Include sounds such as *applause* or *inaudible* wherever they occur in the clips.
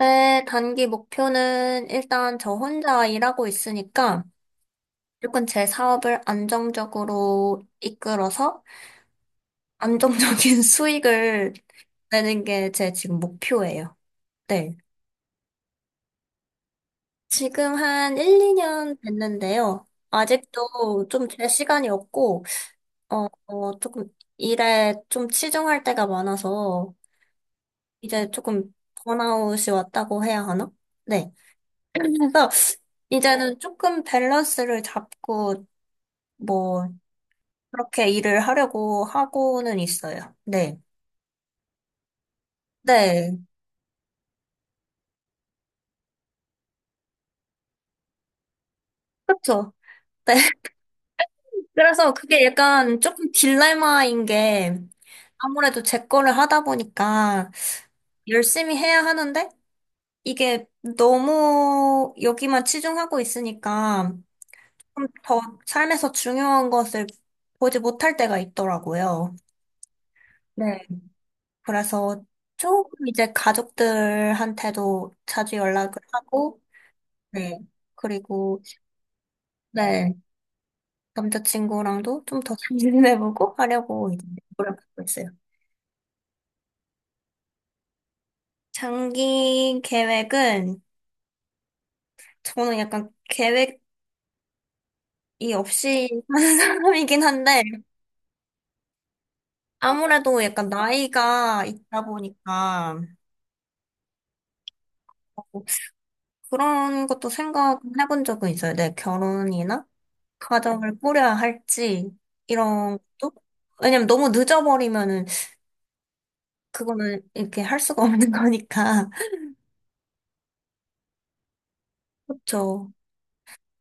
제 단기 목표는 일단 저 혼자 일하고 있으니까 무조건 제 사업을 안정적으로 이끌어서 안정적인 *laughs* 수익을 내는 게 제 지금 목표예요. 네. 지금 한 1, 2년 됐는데요. 아직도 좀 제 시간이 없고, 조금 일에 좀 치중할 때가 많아서 이제 조금 번아웃이 왔다고 해야 하나? 네. 그래서 이제는 조금 밸런스를 잡고 뭐 그렇게 일을 하려고 하고는 있어요. 네. 네. 그렇죠. 네. *laughs* 그래서 그게 약간 조금 딜레마인 게 아무래도 제 거를 하다 보니까 열심히 해야 하는데 이게 너무 여기만 치중하고 있으니까 좀 더 삶에서 중요한 것을 보지 못할 때가 있더라고요. 네. 그래서 조금 이제 가족들한테도 자주 연락을 하고, 네. 그리고, 네. 남자친구랑도 좀 더 잘 지내보고 *laughs* 하려고 이제 노력하고 있어요. 장기 계획은 저는 약간 계획이 없이 사는 *laughs* 사람이긴 한데 아무래도 약간 나이가 있다 보니까 그런 것도 생각해본 적은 있어요. 내 결혼이나 가정을 꾸려야 할지 이런 것도 왜냐면 너무 늦어버리면은 그거는 이렇게 할 수가 없는 거니까 *laughs* 그렇죠.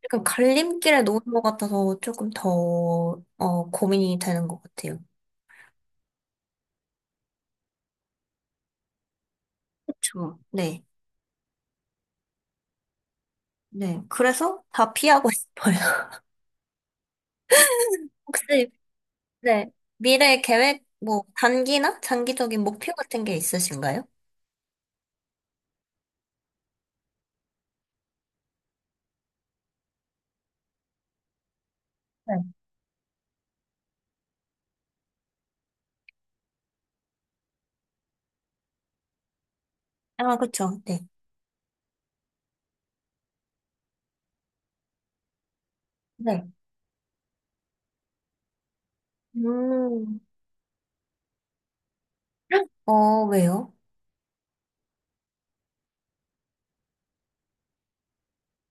약간 갈림길에 놓은 것 같아서 조금 더, 어, 고민이 되는 것 같아요. 그쵸. 네. 네. 그래서 다 피하고 *laughs* 싶어요. 혹시, 네. 미래 계획, 뭐, 단기나 장기적인 목표 같은 게 있으신가요? 네. 아, 그쵸. 네. 네. 음. 어, 왜요?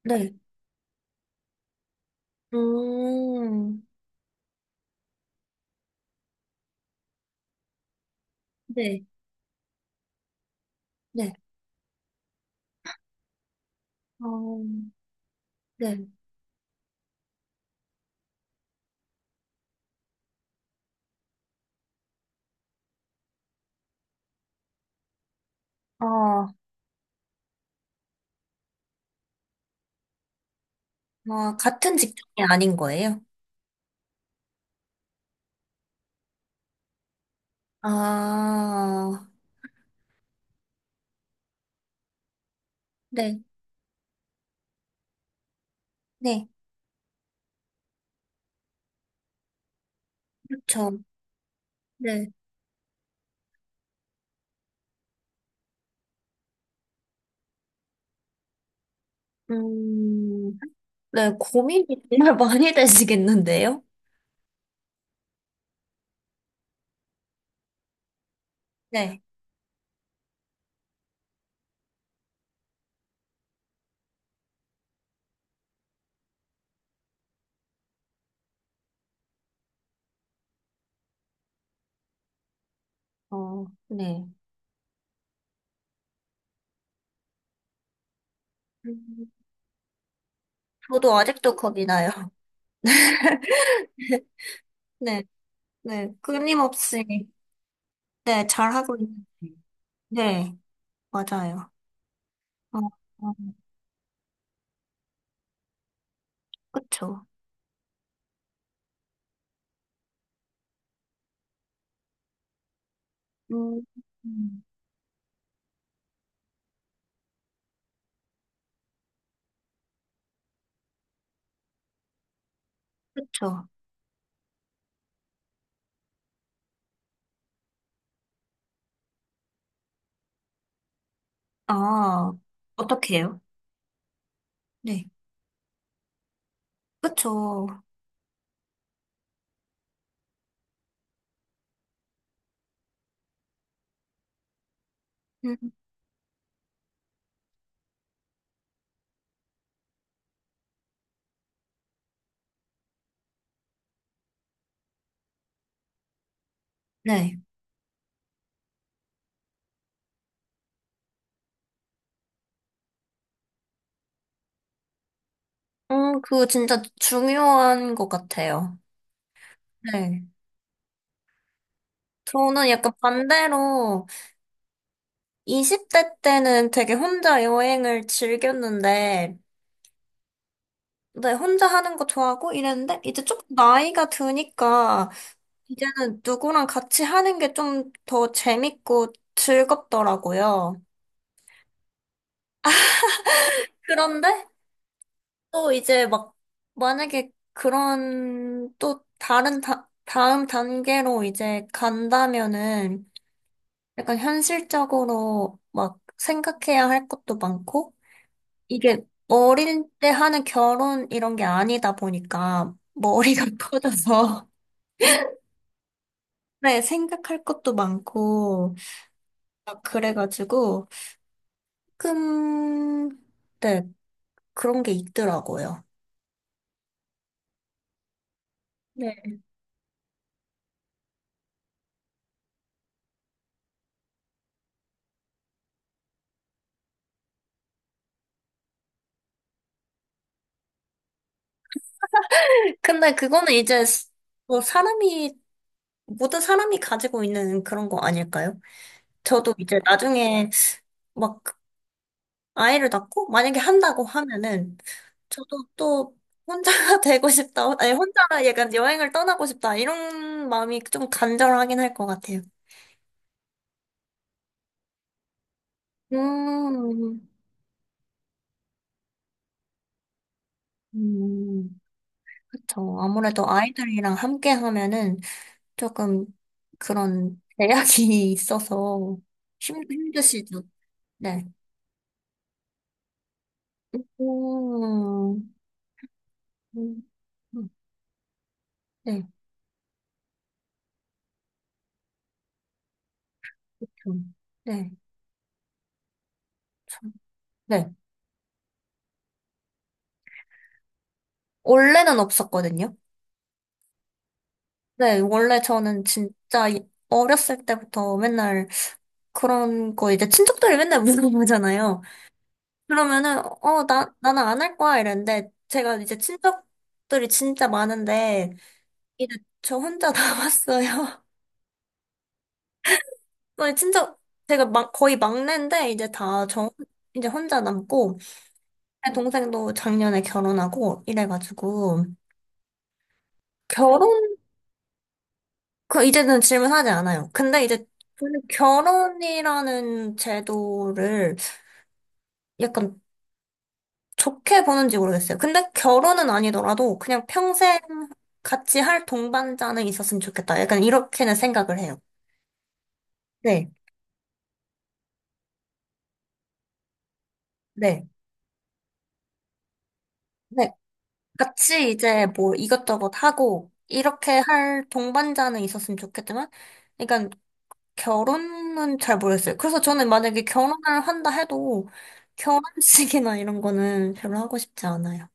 네. 음. 네. 네. 어, 네. 아 아 같은 직종이 아닌 거예요? 아, 네. 네. 그렇죠. 네. 음, 네, 고민이 정말 *laughs* 많이 되시겠는데요? 네. 어, 네. 음, 저도 아직도 겁이 나요. *laughs* 네. 네. 끊임없이, 네, 잘하고 있는. 네. 맞아요. 어, 어, 그쵸. 음, 음, 그쵸. 아, 어떡해요? 네. 그쵸. 음, 네. 그거 진짜 중요한 것 같아요. 네. 저는 약간 반대로 20대 때는 되게 혼자 여행을 즐겼는데, 네, 혼자 하는 거 좋아하고 이랬는데, 이제 조금 나이가 드니까, 이제는 누구랑 같이 하는 게 좀 더 재밌고 즐겁더라고요. 그런데 또 이제 막, 만약에 그런 또 다른 다음 단계로 이제 간다면은, 약간 현실적으로 막 생각해야 할 것도 많고, 이게 어릴 때 하는 결혼 이런 게 아니다 보니까 머리가 *laughs* 커져서 네, 생각할 것도 많고 막 그래가지고 조금 네, 그런 게 있더라고요. 네. 근데 그거는 이제 스- 뭐 사람이 모든 사람이 가지고 있는 그런 거 아닐까요? 저도 이제 나중에 막 아이를 낳고 만약에 한다고 하면은 저도 또 혼자가 *laughs* 되고 싶다. 아니 혼자 약간 여행을 떠나고 싶다. 이런 마음이 좀 간절하긴 할 것 같아요. 음, 음, 그쵸. 아무래도 아이들이랑 함께 하면은 조금 그런 제약이 *laughs* 있어서 힘드시죠. 네. 음, 음, 음, 네, 좀, 네, 좀, 네. 원래는 없었거든요. 네, 원래 저는 진짜 이- 어렸을 때부터 맨날 그런 거 이제 친척들이 맨날 물어보잖아요. 그러면은, 어, 나는 안 할 거야 이랬는데, 제가 이제 친척들이 진짜 많은데, 이제 저 혼자 *laughs* 남았어요. 저희 친척, 제가 막, 거의 막내인데, 이제 다 저, 이제 혼자 남고, 제 동생도 작년에 결혼하고, 이래가지고, 결혼, 그, 이제는 질문하지 않아요. 근데 이제 저는 결혼이라는 제도를 약간 좋게 보는지 모르겠어요. 근데 결혼은 아니더라도 그냥 평생 같이 할 동반자는 있었으면 좋겠다. 약간 이렇게는 생각을 해요. 네, 네, 네. 같이 이제 뭐 이것저것 하고 이렇게 할 동반자는 있었으면 좋겠지만, 그러니까 결혼은 잘 모르겠어요. 그래서 저는 만약에 결혼을 한다 해도 결혼식이나 이런 거는 별로 하고 싶지 않아요.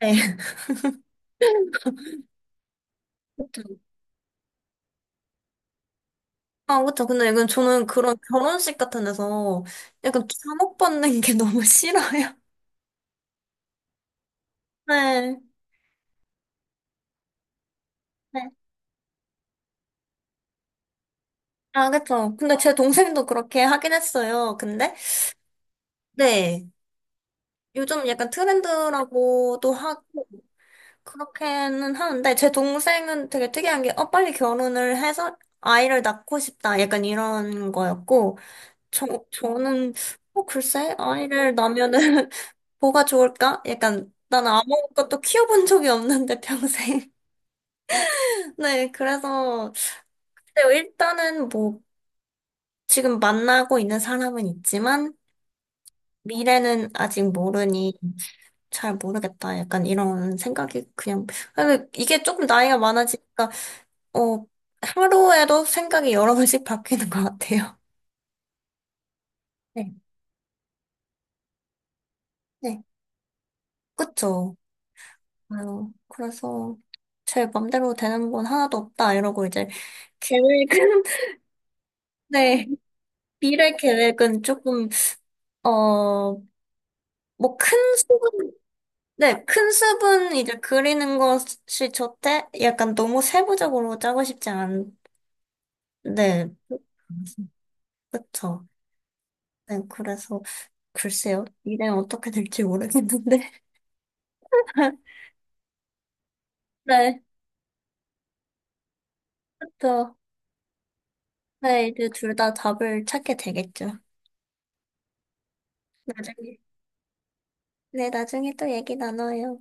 네. *laughs* 아, 그쵸. 근데 이건 저는 그런 결혼식 같은 데서 약간 주목받는 게 *laughs* 너무 싫어요. 네. 네. 아, 그쵸. 근데 제 동생도 그렇게 하긴 했어요. 근데, 네. 요즘 약간 트렌드라고도 하고, 그렇게는 하는데, 제 동생은 되게 특이한 게, 어, 빨리 결혼을 해서 아이를 낳고 싶다. 약간 이런 거였고, 저, 저는, 어, 글쎄, 아이를 낳으면은 *laughs* 뭐가 좋을까? 약간, 나는 아무것도 키워본 적이 없는데, *laughs* 평생. 네, 그래서 근데 일단은 뭐 지금 만나고 있는 사람은 있지만 미래는 아직 모르니 잘 모르겠다. 약간 이런 생각이 그냥 근데 이게 조금 나이가 많아지니까 어 하루에도 생각이 여러 번씩 바뀌는 것 같아요. *laughs* 네, 네, 그쵸. 아유, 그래서 제 맘대로 되는 건 하나도 없다 이러고 이제 계획은 *laughs* 네 미래 계획은 조금 어뭐큰 네, 큰 숲은 이제 그리는 것이 좋대? 약간 너무 세부적으로 짜고 싶지 않, 네, 그쵸. 네, 그래서, 글쎄요. 미래는 어떻게 될지 모르겠는데. *laughs* 네, 그쵸. 네, 이제 둘 다 답을 찾게 되겠죠. 나중에. 네, 나중에 또 얘기 나눠요.